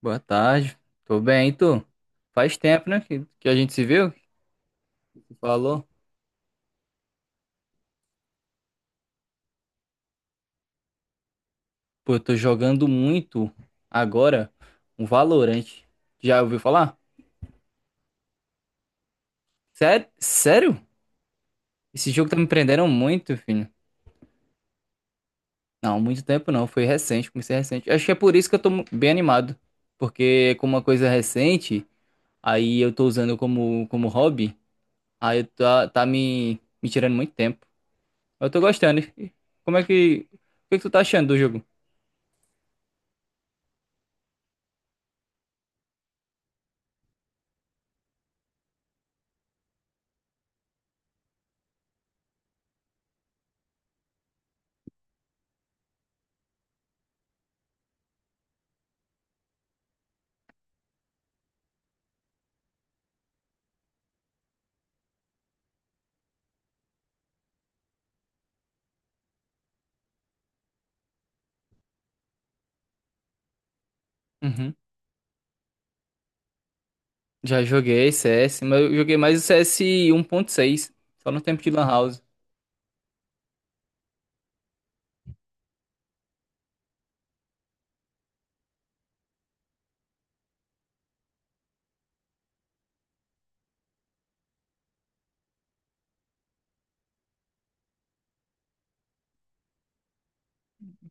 Boa tarde. Tô bem, e tu? Faz tempo, né, que a gente se viu, que tu falou. Pô, eu tô jogando muito agora um Valorant. Já ouviu falar? Sério? Sério? Esse jogo tá me prendendo muito, filho. Não, muito tempo não, foi recente, comecei recente. Acho que é por isso que eu tô bem animado, porque como uma coisa recente, aí eu tô usando como hobby, aí eu tá me tirando muito tempo. Eu tô gostando. E como é que... O que é que tu tá achando do jogo? Uhum. Já joguei CS, mas eu joguei mais o CS 1.6, só no tempo de Lan House.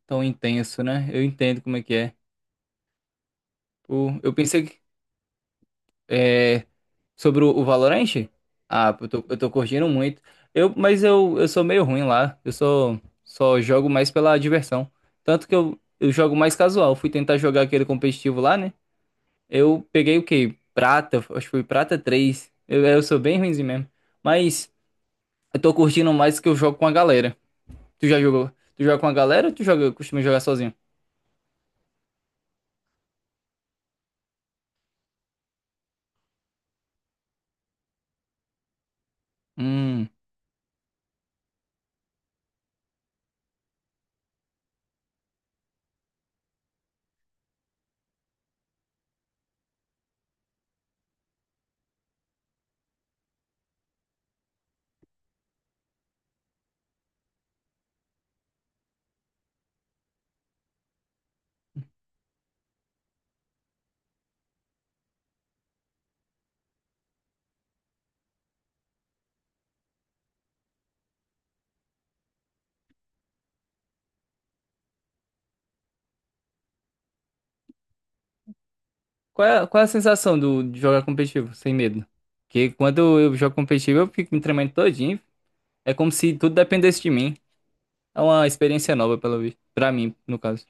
Tão intenso, né? Eu entendo como é que é. Eu pensei que, é, sobre o Valorant. Ah, eu tô curtindo muito. Mas eu sou meio ruim lá. Só jogo mais pela diversão. Tanto que eu jogo mais casual. Fui tentar jogar aquele competitivo lá, né? Eu peguei o quê? Prata, acho que foi Prata 3. Eu sou bem ruimzinho mesmo. Mas eu tô curtindo mais que eu jogo com a galera. Tu já jogou? Tu joga com a galera ou costuma jogar sozinho? Hum. Qual é a sensação de jogar competitivo, sem medo? Porque quando eu jogo competitivo, eu fico me tremendo todinho. É como se tudo dependesse de mim. É uma experiência nova, pelo visto. Pra mim, no caso.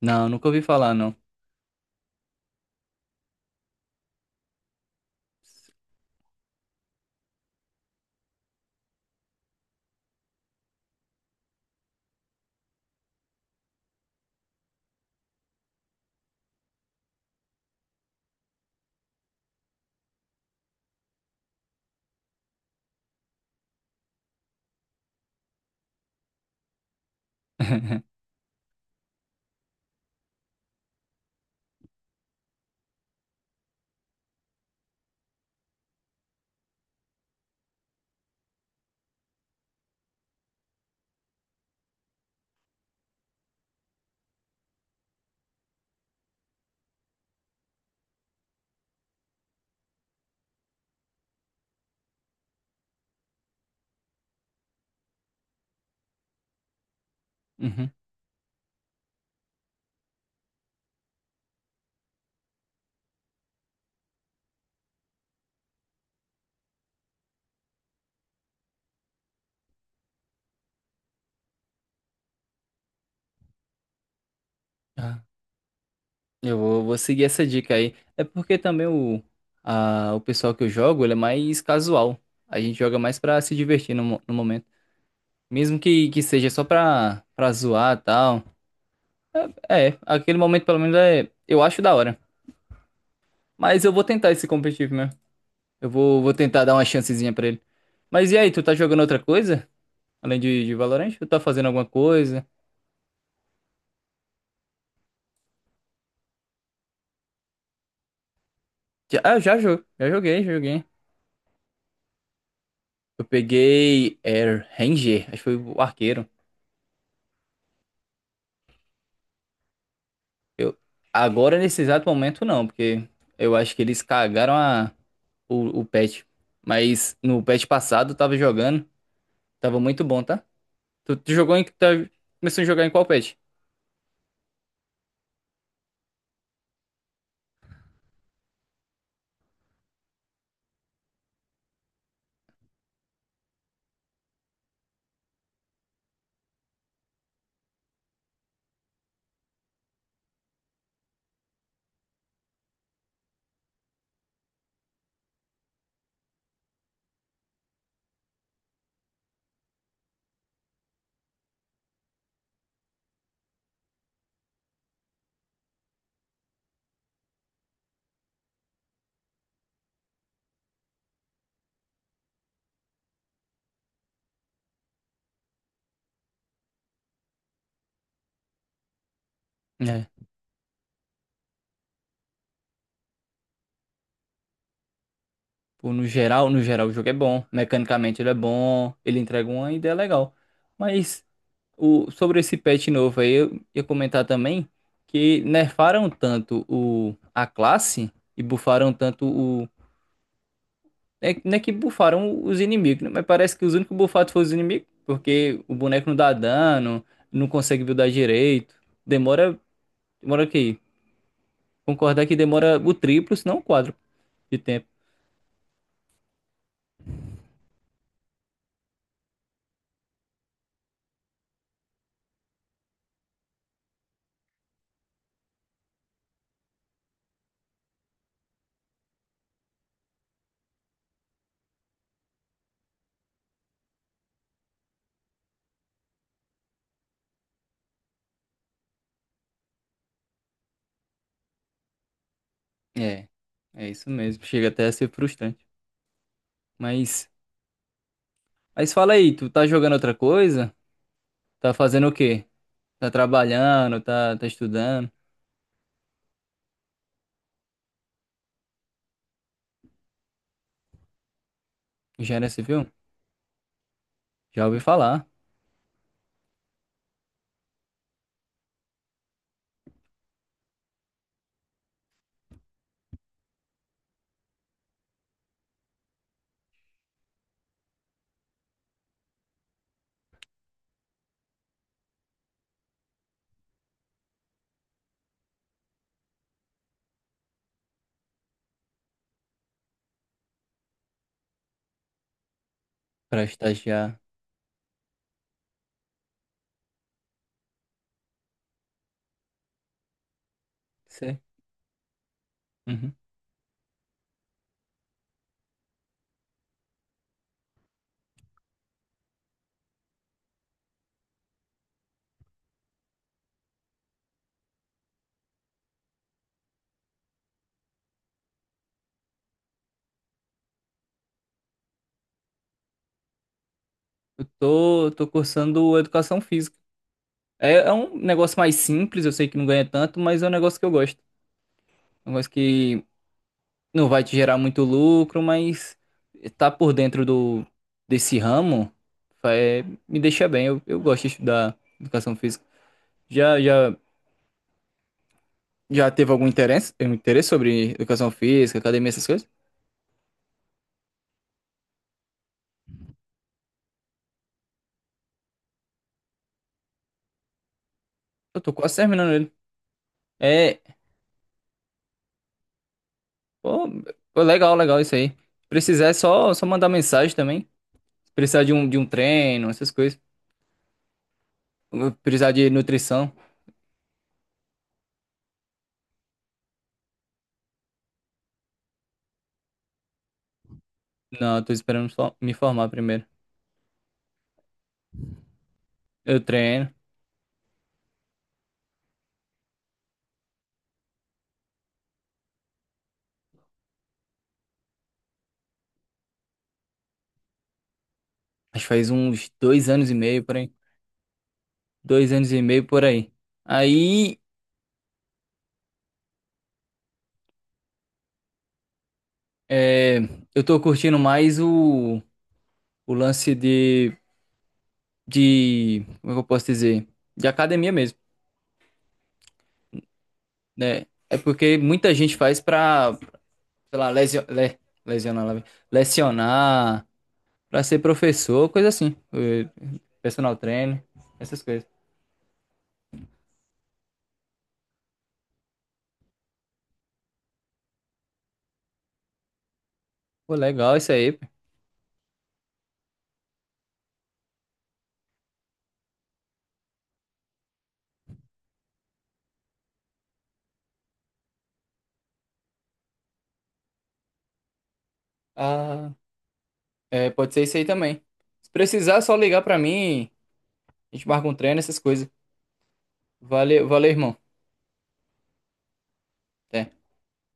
Não, nunca ouvi falar, não. Uhum. Ah, eu vou seguir essa dica aí. É porque também o pessoal que eu jogo, ele é mais casual. A gente joga mais pra se divertir no momento. Mesmo que seja só pra zoar e tal. Aquele momento pelo menos é, eu acho, da hora. Mas eu vou tentar esse competitivo mesmo. Eu vou tentar dar uma chancezinha pra ele. Mas e aí, tu tá jogando outra coisa? Além de Valorant? Tu tá fazendo alguma coisa? Já joguei, já joguei. Eu peguei Air Ranger, acho que foi o arqueiro. Eu, agora, nesse exato momento, não, porque eu acho que eles cagaram o patch. Mas no patch passado eu tava jogando, tava muito bom, tá? Tu jogou em. Tá, começou a jogar em qual patch? Pô, no geral, no geral, o jogo é bom. Mecanicamente ele é bom, ele entrega uma ideia legal. Mas sobre esse patch novo aí, eu ia comentar também que nerfaram tanto a classe e bufaram tanto o. É, não é que bufaram os inimigos, né? Mas parece que os únicos bufados foram os inimigos, porque o boneco não dá dano, não consegue buildar direito. Demora. Demora o quê? Concordar que demora o triplo, se não o quadro de tempo. É, é isso mesmo. Chega até a ser frustrante. Mas. Mas fala aí, tu tá jogando outra coisa? Tá fazendo o quê? Tá trabalhando, tá estudando? Engenharia civil? Já ouvi falar. Pra estagiar. Sei. Uhum. Eu tô cursando educação física. É um negócio mais simples, eu sei que não ganha tanto, mas é um negócio que eu gosto. É um negócio que não vai te gerar muito lucro, mas tá por dentro desse ramo, é, me deixa bem. Eu gosto de estudar educação física. Já, já Já teve algum interesse, um interesse sobre educação física, academia, essas coisas? Eu tô quase terminando ele. É, pô, pô, legal, legal isso aí. Se precisar, é só mandar mensagem também. Se precisar de um treino, essas coisas. Se precisar de nutrição. Não, eu tô esperando só me formar primeiro. Eu treino. Acho que faz uns 2 anos e meio por aí. 2 anos e meio por aí. Aí, é, eu tô curtindo mais o lance de. Como é que eu posso dizer? De academia mesmo. Né? É porque muita gente faz pra, sei lá, lesionar, lá vem. Lecionar, pra ser professor, coisa assim. Personal trainer, essas coisas. Pô, legal isso aí. Pô. Ah, é, pode ser isso aí também. Se precisar, é só ligar pra mim, a gente marca um treino, essas coisas. Valeu, valeu, irmão. Até.